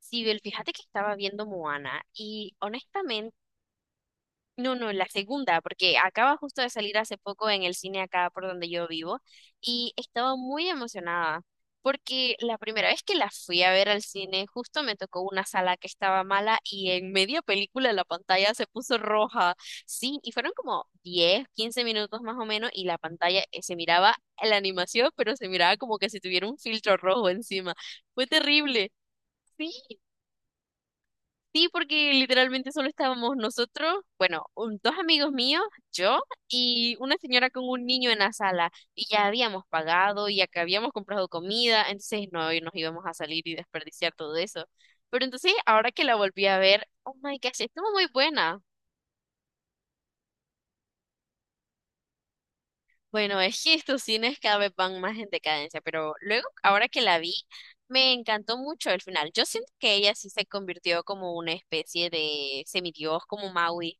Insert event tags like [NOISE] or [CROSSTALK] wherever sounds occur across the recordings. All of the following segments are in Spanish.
Sibel, fíjate que estaba viendo Moana y honestamente, no, no, la segunda, porque acaba justo de salir hace poco en el cine acá por donde yo vivo y estaba muy emocionada porque la primera vez que la fui a ver al cine justo me tocó una sala que estaba mala y en media película la pantalla se puso roja. Sí, y fueron como 10 15 minutos más o menos y la pantalla se miraba la animación, pero se miraba como que si tuviera un filtro rojo encima. Fue terrible. Sí. Sí, porque literalmente solo estábamos nosotros, bueno, dos amigos míos, yo y una señora con un niño en la sala. Y ya habíamos pagado, y acá habíamos comprado comida, entonces no y nos íbamos a salir y desperdiciar todo eso. Pero entonces, ahora que la volví a ver, oh my gosh, estuvo muy buena. Bueno, es que estos cines cada vez van más en decadencia, pero luego, ahora que la vi, me encantó mucho el final. Yo siento que ella sí se convirtió como una especie de semidios, como Maui.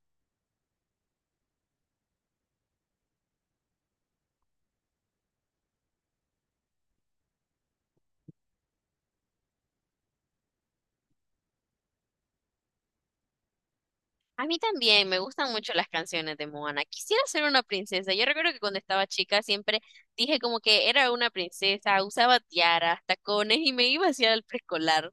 A mí también me gustan mucho las canciones de Moana. Quisiera ser una princesa. Yo recuerdo que cuando estaba chica siempre dije como que era una princesa, usaba tiaras, tacones y me iba hacia el preescolar.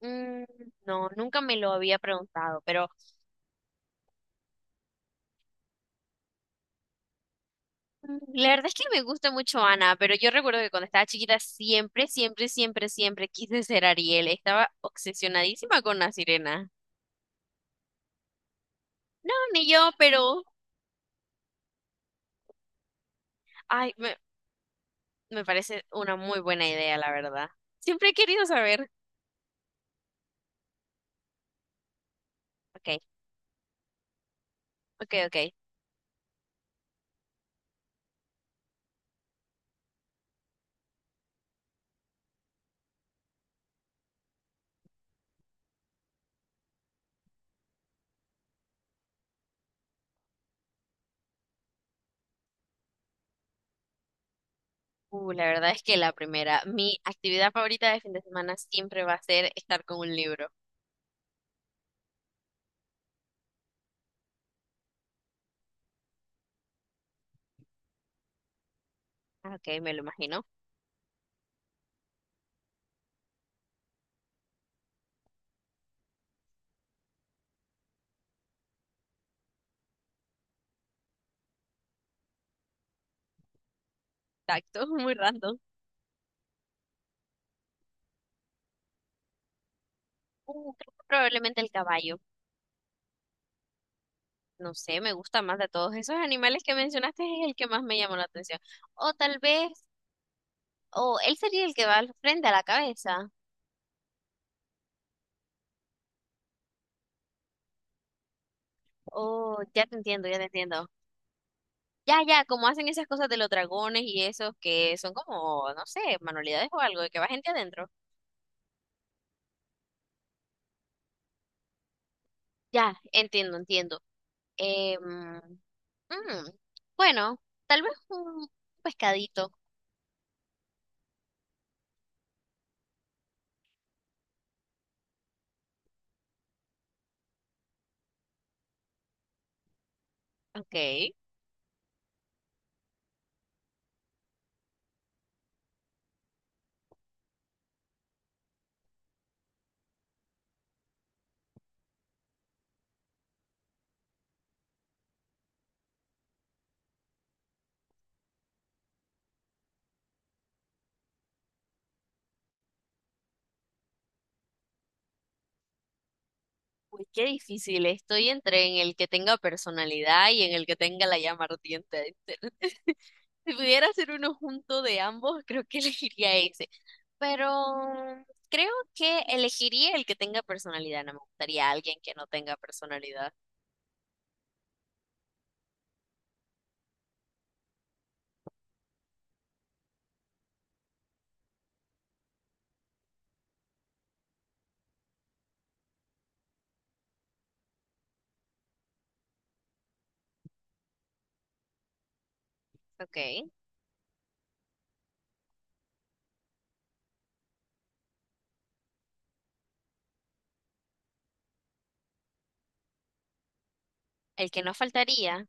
Mm, no, nunca me lo había preguntado, pero la verdad es que me gusta mucho Ana, pero yo recuerdo que cuando estaba chiquita siempre, siempre, siempre, siempre quise ser Ariel. Estaba obsesionadísima con la sirena. No, ni yo, pero ay, me parece una muy buena idea, la verdad. Siempre he querido saber. Ok. Ok, ok. La verdad es que la primera, mi actividad favorita de fin de semana siempre va a ser estar con un libro. Ah, ok, me lo imagino. Tacto, [LAUGHS] muy random. Creo que probablemente el caballo. No sé, me gusta más de todos esos animales que mencionaste, es el que más me llamó la atención. O tal vez, o él sería el que va al frente a la cabeza. Oh, ya te entiendo, ya te entiendo. Ya, ya, como hacen esas cosas de los dragones y esos que son como, no sé, manualidades o algo, de que va gente adentro. Ya, entiendo, entiendo. Em, Mm, bueno, tal vez un pescadito. Ok. Uy, qué difícil. Estoy entre en el que tenga personalidad y en el que tenga la llama ardiente. [LAUGHS] Si pudiera hacer uno junto de ambos, creo que [LAUGHS] elegiría ese. Pero creo que elegiría el que tenga personalidad. No me gustaría alguien que no tenga personalidad. Ok. El que no faltaría,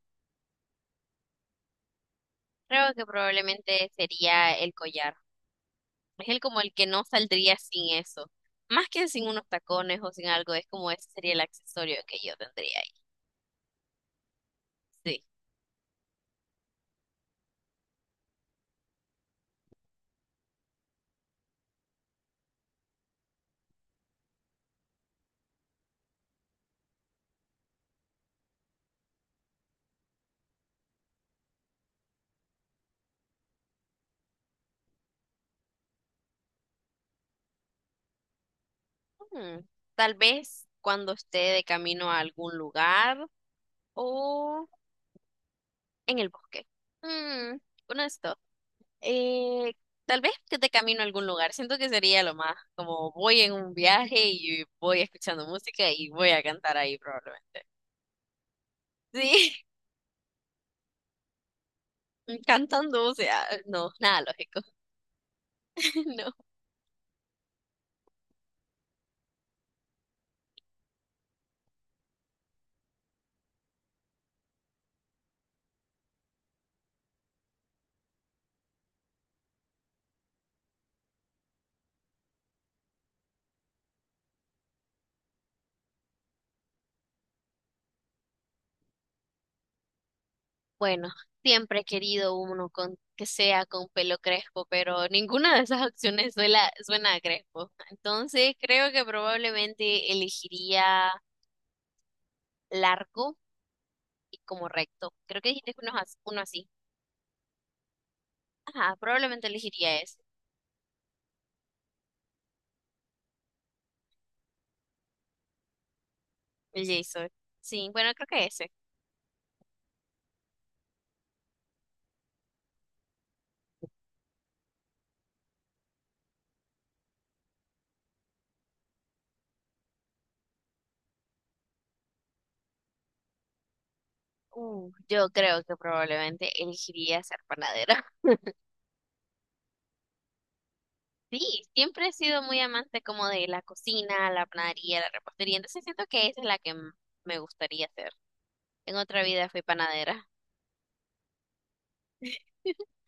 creo que probablemente sería el collar. Es el como el que no saldría sin eso. Más que sin unos tacones o sin algo, es como ese sería el accesorio que yo tendría ahí. Sí. Mm, tal vez cuando esté de camino a algún lugar o en el bosque. Mm, Bueno, esto. Eh, tal vez que de camino a algún lugar. Siento que sería lo más como voy en un viaje y voy escuchando música y voy a cantar ahí probablemente. Sí, [LAUGHS] cantando, o sea, no, nada lógico. [LAUGHS] No. Bueno, siempre he querido uno con, que sea con pelo crespo, pero ninguna de esas [LAUGHS] opciones suena a crespo. Entonces creo que probablemente elegiría largo y como recto. Creo que dijiste que uno, uno así. Ajá, probablemente elegiría ese, el Jason. Sí, bueno, creo que ese. Yo creo que probablemente elegiría ser panadera. [LAUGHS] Sí, siempre he sido muy amante como de la cocina, la panadería, la repostería, entonces siento que esa es la que me gustaría hacer. En otra vida fui panadera. [LAUGHS]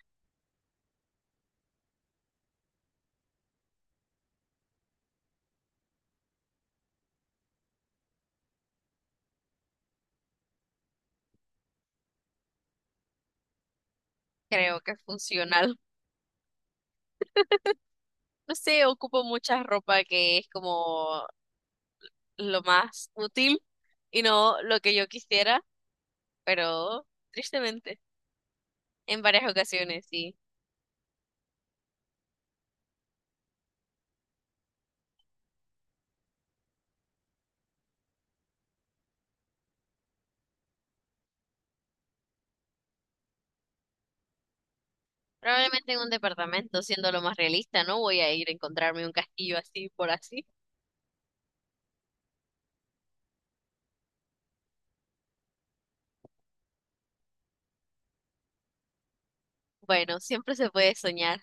Creo que es funcional. No sé, ocupo mucha ropa que es como lo más útil y no lo que yo quisiera, pero tristemente, en varias ocasiones, sí. Probablemente en un departamento, siendo lo más realista, no voy a ir a encontrarme un castillo así por así. Bueno, siempre se puede soñar.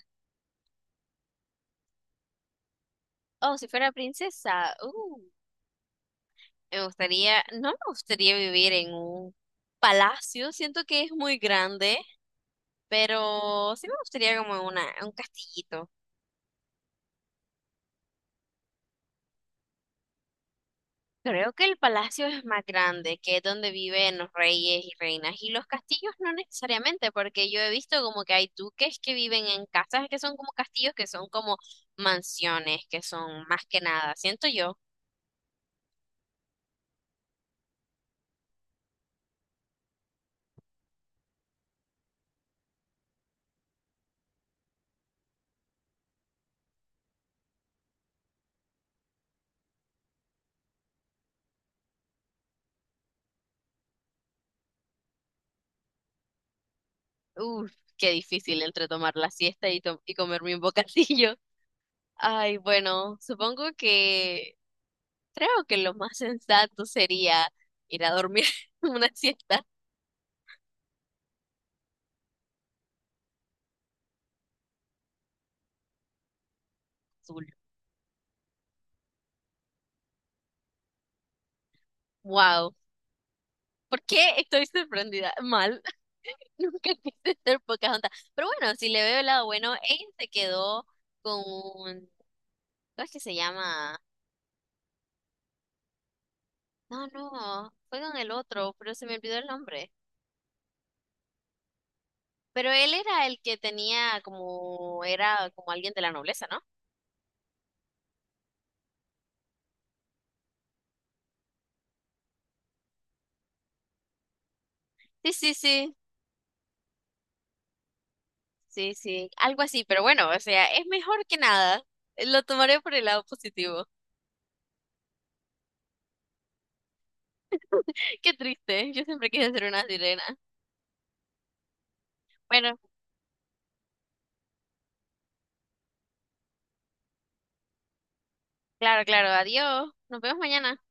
Oh, si fuera princesa, me gustaría, no me gustaría vivir en un palacio, siento que es muy grande. Pero sí me gustaría como una, un castillito. Creo que el palacio es más grande, que es donde viven los reyes y reinas. Y los castillos no necesariamente, porque yo he visto como que hay duques que viven en casas que son como castillos, que son como mansiones, que son más que nada. Siento yo, uff, qué difícil entre tomar la siesta y, y comerme un bocadillo. [LAUGHS] Ay, bueno, supongo que creo que lo más sensato sería ir a dormir [LAUGHS] una siesta azul. Wow. ¿Por qué estoy sorprendida? Mal, [LAUGHS] nunca quise ser Pocahontas. Pero bueno, si le veo el lado bueno, ella se quedó con, ¿cómo es que se llama? No, no, fue con el otro, pero se me olvidó el nombre. Pero él era el que tenía como, era como alguien de la nobleza, ¿no? Sí, sí, sí, sí, sí, algo así, pero bueno, o sea, es mejor que nada. Lo tomaré por el lado positivo. [LAUGHS] Qué triste, yo siempre quise ser una sirena. Bueno, claro, claro, adiós, nos vemos mañana.